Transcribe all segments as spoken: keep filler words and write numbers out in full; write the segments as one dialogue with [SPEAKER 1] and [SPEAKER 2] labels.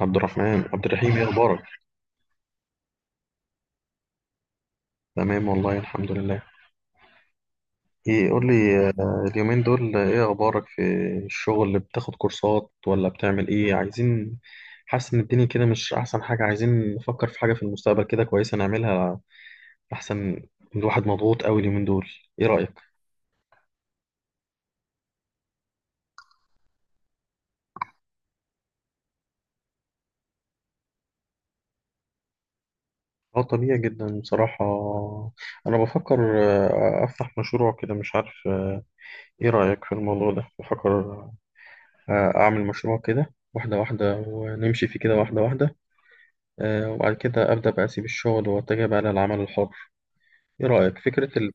[SPEAKER 1] عبد الرحمن عبد الرحيم، ايه اخبارك؟ تمام والله الحمد لله. ايه قول لي آه، اليومين دول ايه اخبارك في الشغل؟ بتاخد كورسات ولا بتعمل ايه؟ عايزين، حاسس ان الدنيا كده مش احسن حاجة، عايزين نفكر في حاجة في المستقبل كده كويسة نعملها احسن. الواحد مضغوط قوي اليومين دول، ايه رأيك؟ اه طبيعي جدا بصراحة. انا بفكر آه، افتح مشروع كده، مش عارف آه، ايه رأيك في الموضوع ده؟ بفكر آه، اعمل مشروع كده واحدة واحدة ونمشي فيه كده واحدة واحدة، آه، وبعد كده أبدأ بقى أسيب الشغل وأتجه بقى للعمل الحر. إيه رأيك؟ فكرة ال...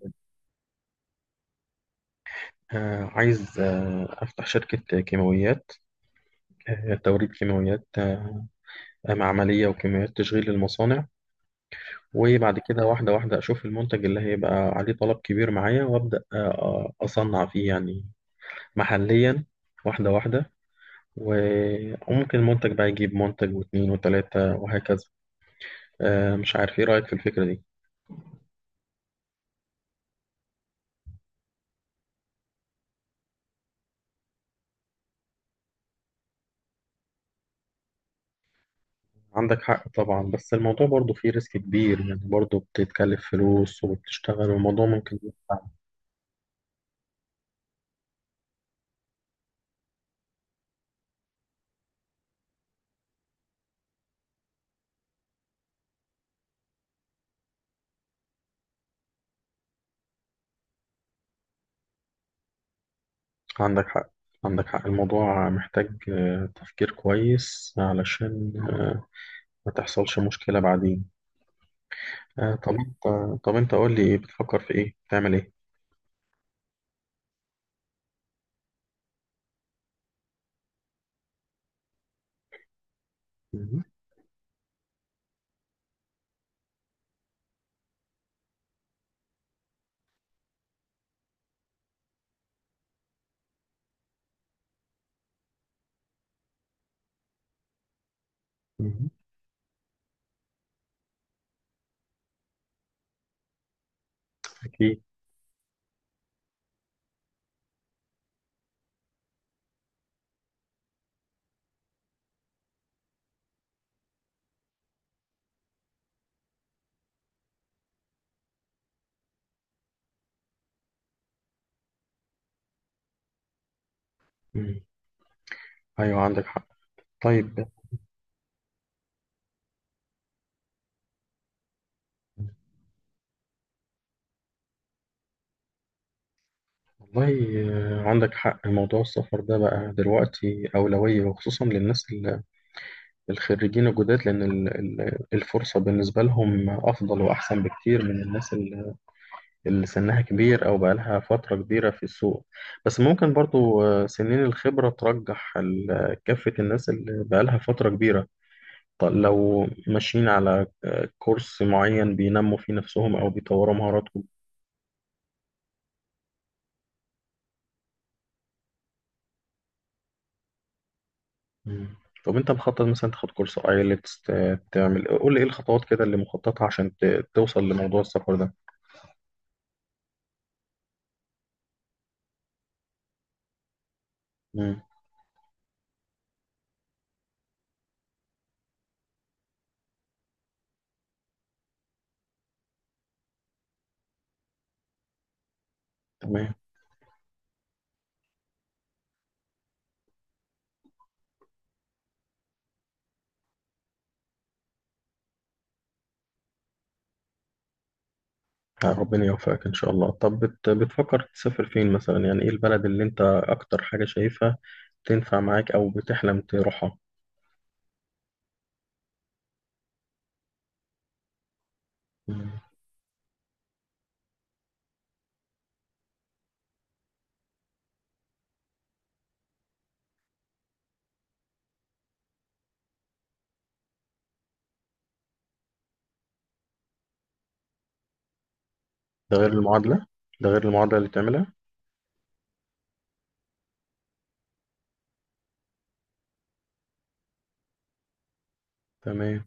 [SPEAKER 1] آه، عايز آه، أفتح شركة كيماويات، آه، توريد كيماويات آه، معملية وكيماويات تشغيل للمصانع. وبعد كده واحدة واحدة أشوف المنتج اللي هيبقى عليه طلب كبير معايا وأبدأ آه، آه، أصنع فيه يعني محليا، واحدة واحدة. و- وممكن المنتج بقى يجيب منتج واتنين وتلاتة وهكذا. آه، مش عارف، إيه رأيك في الفكرة دي؟ عندك حق طبعا، بس الموضوع برضه فيه ريسك كبير يعني، برضه بتتكلف فلوس وبتشتغل والموضوع ممكن يبقى. عندك حق عندك حق الموضوع محتاج آه، تفكير كويس علشان آه، ما تحصلش مشكلة بعدين. آه، طب انت طب انت قول لي، ايه بتفكر في ايه؟ بتعمل ايه؟ مهم. مهم. اكيد. مم. ايوه عندك حق. طيب. والله آه، عندك حق، موضوع السفر ده بقى دلوقتي أولوية، وخصوصا للناس الخريجين الجداد، لأن ال- ال- الفرصة بالنسبة لهم أفضل وأحسن بكتير من الناس ال- اللي سنها كبير أو بقالها فترة كبيرة في السوق. بس ممكن برضو آه، سنين الخبرة ترجح ال- كافة الناس اللي بقالها فترة كبيرة، ط- لو ماشيين على آه، كورس معين بينموا فيه نفسهم أو بيطوروا مهاراتهم. مم. طب أنت مخطط مثلا تاخد كورس آيلتس؟ تعمل، قول لي إيه الخطوات كده اللي مخططها عشان ت- توصل لموضوع السفر ده؟ مم. تمام. آه، ربنا يوفقك إن شاء الله. طب بت... بتفكر تسافر فين مثلا؟ يعني إيه البلد اللي أنت أكتر حاجة شايفها تنفع معاك أو بتحلم تروحها؟ مم. ده غير المعادلة ده غير المعادلة اللي تعملها. تمام.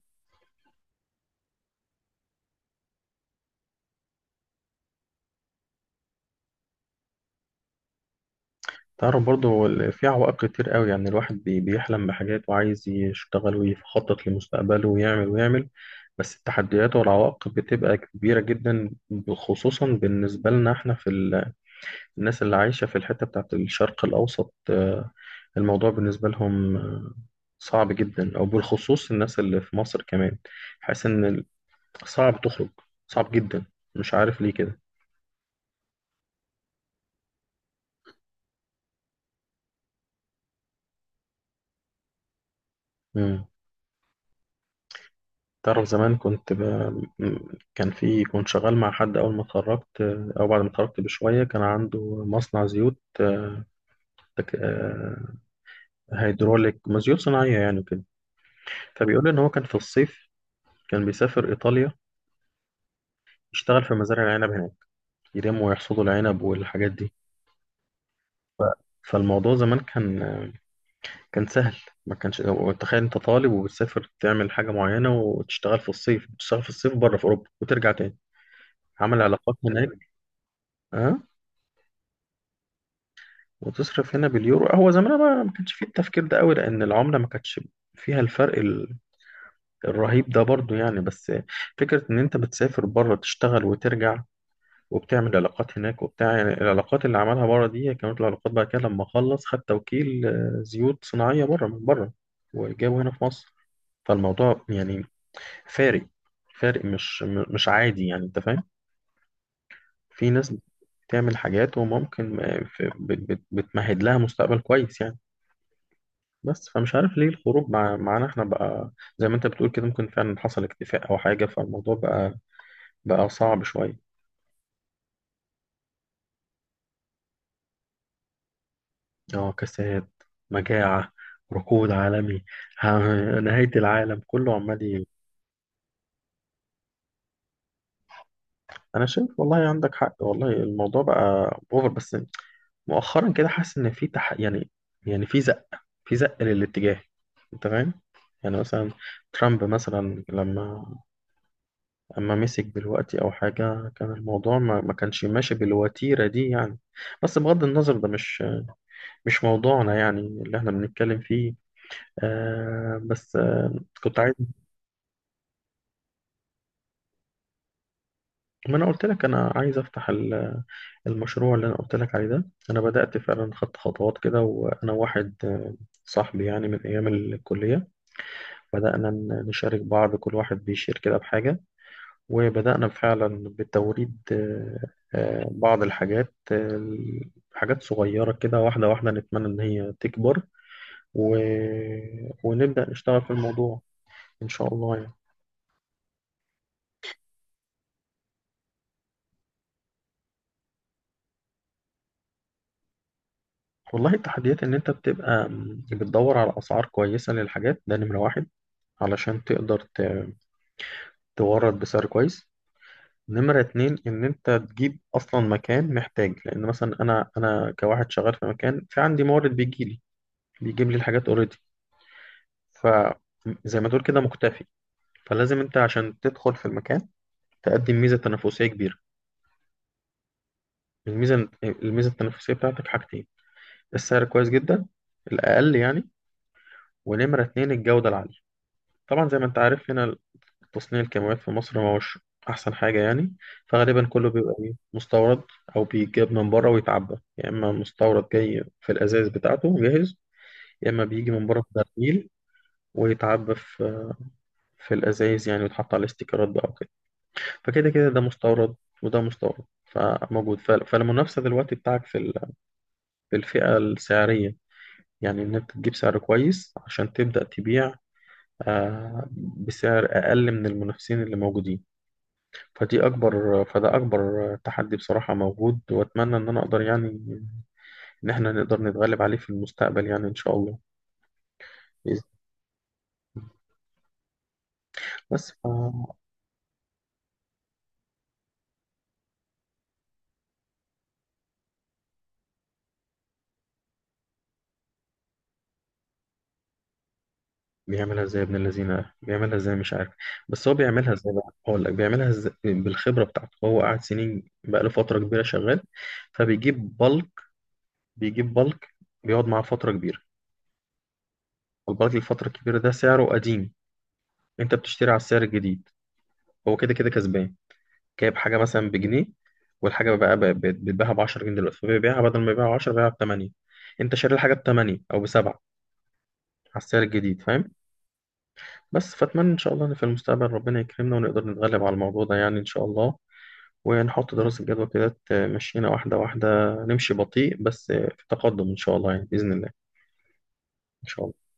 [SPEAKER 1] تعرف برضه، هو ال- في عوائق كتير قوي يعني، الواحد بي... بيحلم بحاجات وعايز يشتغل ويخطط لمستقبله ويعمل ويعمل، بس التحديات والعوائق بتبقى كبيرة جدا، خصوصا بالنسبة لنا احنا في ال... الناس اللي عايشة في الحتة بتاعت الشرق الأوسط. آه، الموضوع بالنسبة لهم آه، صعب جدا، أو بالخصوص الناس اللي في مصر كمان. حاسس إن ال- صعب تخرج، صعب جدا، مش عارف ليه كده. مم. تعرف زمان كنت ب... م- كان في، كنت شغال مع حد أول ما اتخرجت آه، أو بعد ما اتخرجت بشوية، كان عنده مصنع زيوت آه، تك- آه، هيدروليك، ما زيوت صناعية يعني وكده. فبيقول لي إن هو كان في الصيف كان بيسافر إيطاليا، يشتغل في مزارع العنب هناك، يرموا ويحصدوا العنب والحاجات دي. ف- فالموضوع زمان كان كان سهل. ما كانش، تخيل انت طالب وبتسافر تعمل حاجة معينة وتشتغل في الصيف، بتشتغل في الصيف بره في أوروبا وترجع تاني، عمل علاقات هناك. اه، وتصرف هنا باليورو. هو زمان بقى ما كانش فيه التفكير ده قوي، لأن العملة ما كانتش فيها الفرق ال- الرهيب ده برضو يعني. بس فكرة إن أنت بتسافر بره تشتغل وترجع، وبتعمل علاقات هناك وبتاع يعني، العلاقات اللي عملها بره دي كانت العلاقات بعد كده، لما خلص خد توكيل آه، زيوت صناعية بره من بره وجابه هنا في مصر. فالموضوع يعني فارق، فارق مش م- مش عادي يعني، انت فاهم؟ في ناس بتعمل حاجات وممكن آه، في- بت- بت- بتمهد لها مستقبل كويس يعني. بس فمش عارف ليه الخروج مع معانا احنا بقى، زي ما انت بتقول كده، ممكن فعلا حصل اكتفاء او حاجة، فالموضوع بقى بقى صعب شوية. انعكاسات، مجاعة، ركود عالمي، ه- نهاية العالم كله عمال ي- أنا شايف والله، عندك حق والله، الموضوع بقى أوفر. بس مؤخرا كده حاسس إن في تح... يعني يعني في زق في زق للاتجاه، أنت فاهم؟ يعني مثلا ترامب مثلا لما أما مسك دلوقتي أو حاجة، كان الموضوع ما, ما كانش ماشي بالوتيرة دي يعني. بس بغض النظر ده مش مش موضوعنا يعني اللي احنا بنتكلم فيه. آه بس آه كنت عايز. ما انا قلت لك انا عايز افتح ال- المشروع اللي انا قلت لك عليه ده. انا بدأت فعلا خدت خطوات كده، وانا واحد آه، صاحبي يعني من ايام الكلية، بدأنا ن- نشارك بعض، كل واحد بيشير كده بحاجة. وبدأنا فعلا بتوريد آه، آه، بعض الحاجات آه، حاجات صغيرة كده واحدة واحدة، نتمنى ان هي تكبر، و... ونبدأ نشتغل في الموضوع ان شاء الله يعني. والله التحديات ان انت بتبقى بتدور على اسعار كويسة للحاجات، ده نمرة واحد، علشان تقدر ت- تورد بسعر كويس. نمرة اتنين، إن أنت تجيب أصلا مكان محتاج، لأن مثلا أنا أنا كواحد شغال في مكان، في عندي مورد بيجيلي بيجيب لي الحاجات أوريدي، فزي ما تقول كده مكتفي. فلازم أنت عشان تدخل في المكان تقدم ميزة تنافسية كبيرة. الميزة الميزة التنافسية بتاعتك حاجتين، السعر كويس جدا، الأقل يعني، ونمرة اتنين الجودة العالية. طبعا زي ما أنت عارف هنا تصنيع الكاميرات في مصر ما هوش أحسن حاجة يعني، فغالبا كله بيبقى إيه مستورد، أو بيجاب من بره ويتعبى، يا إما مستورد جاي في الأزايز بتاعته جاهز، يا إما بيجي من بره في برميل ويتعبى في في الأزايز يعني، ويتحط على الاستيكرات بقى وكده. فكده كده ده مستورد وده مستورد فموجود، ف- فالمنافسة دلوقتي بتاعك في ال- في الفئة السعرية يعني، إن أنت تجيب سعر كويس عشان تبدأ تبيع آه، بسعر أقل من المنافسين اللي موجودين. فدي أكبر فده أكبر تحدي بصراحة موجود، وأتمنى إن أنا أقدر يعني، إن إحنا نقدر نتغلب عليه في المستقبل يعني إن شاء الله، بإذن الله. بس ف... بيعملها إزاي ابن الذين؟ بيعملها إزاي مش عارف. بس هو بيعملها إزاي بقى؟ أقول لك بيعملها إزاي، بالخبرة بتاعته، هو قاعد سنين بقى له فترة كبيرة شغال. فبيجيب بالك بيجيب بالك بيقعد معاه فترة كبيرة، البالك الفترة الكبيرة ده سعره قديم، أنت بتشتري على السعر الجديد. هو كده كده كسبان، جايب حاجة مثلا بجنيه، والحاجة بقى ب- ب- بتباعها ب عشرة جنيه دلوقتي، فبيبيعها بدل ما يبيعها ب عشرة، بيبيعها ب تمانية. انت شاري الحاجة ب تمانية او ب سبعة على السعر الجديد، فاهم؟ بس فاتمنى ان شاء الله ان في المستقبل ربنا يكرمنا ونقدر نتغلب على الموضوع ده يعني ان شاء الله، ونحط دراسة جدوى كده تمشينا واحدة واحدة، نمشي بطيء بس في تقدم ان شاء الله يعني بإذن الله. ان شاء الله.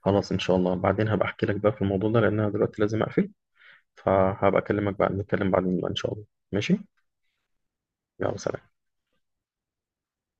[SPEAKER 1] خلاص ان شاء الله، بعدين هبقى احكي لك بقى في الموضوع ده، لان انا دلوقتي لازم اقفل. فهبقى اكلمك بعد، نتكلم بعدين بقى ان شاء الله. ماشي. يلا سلام.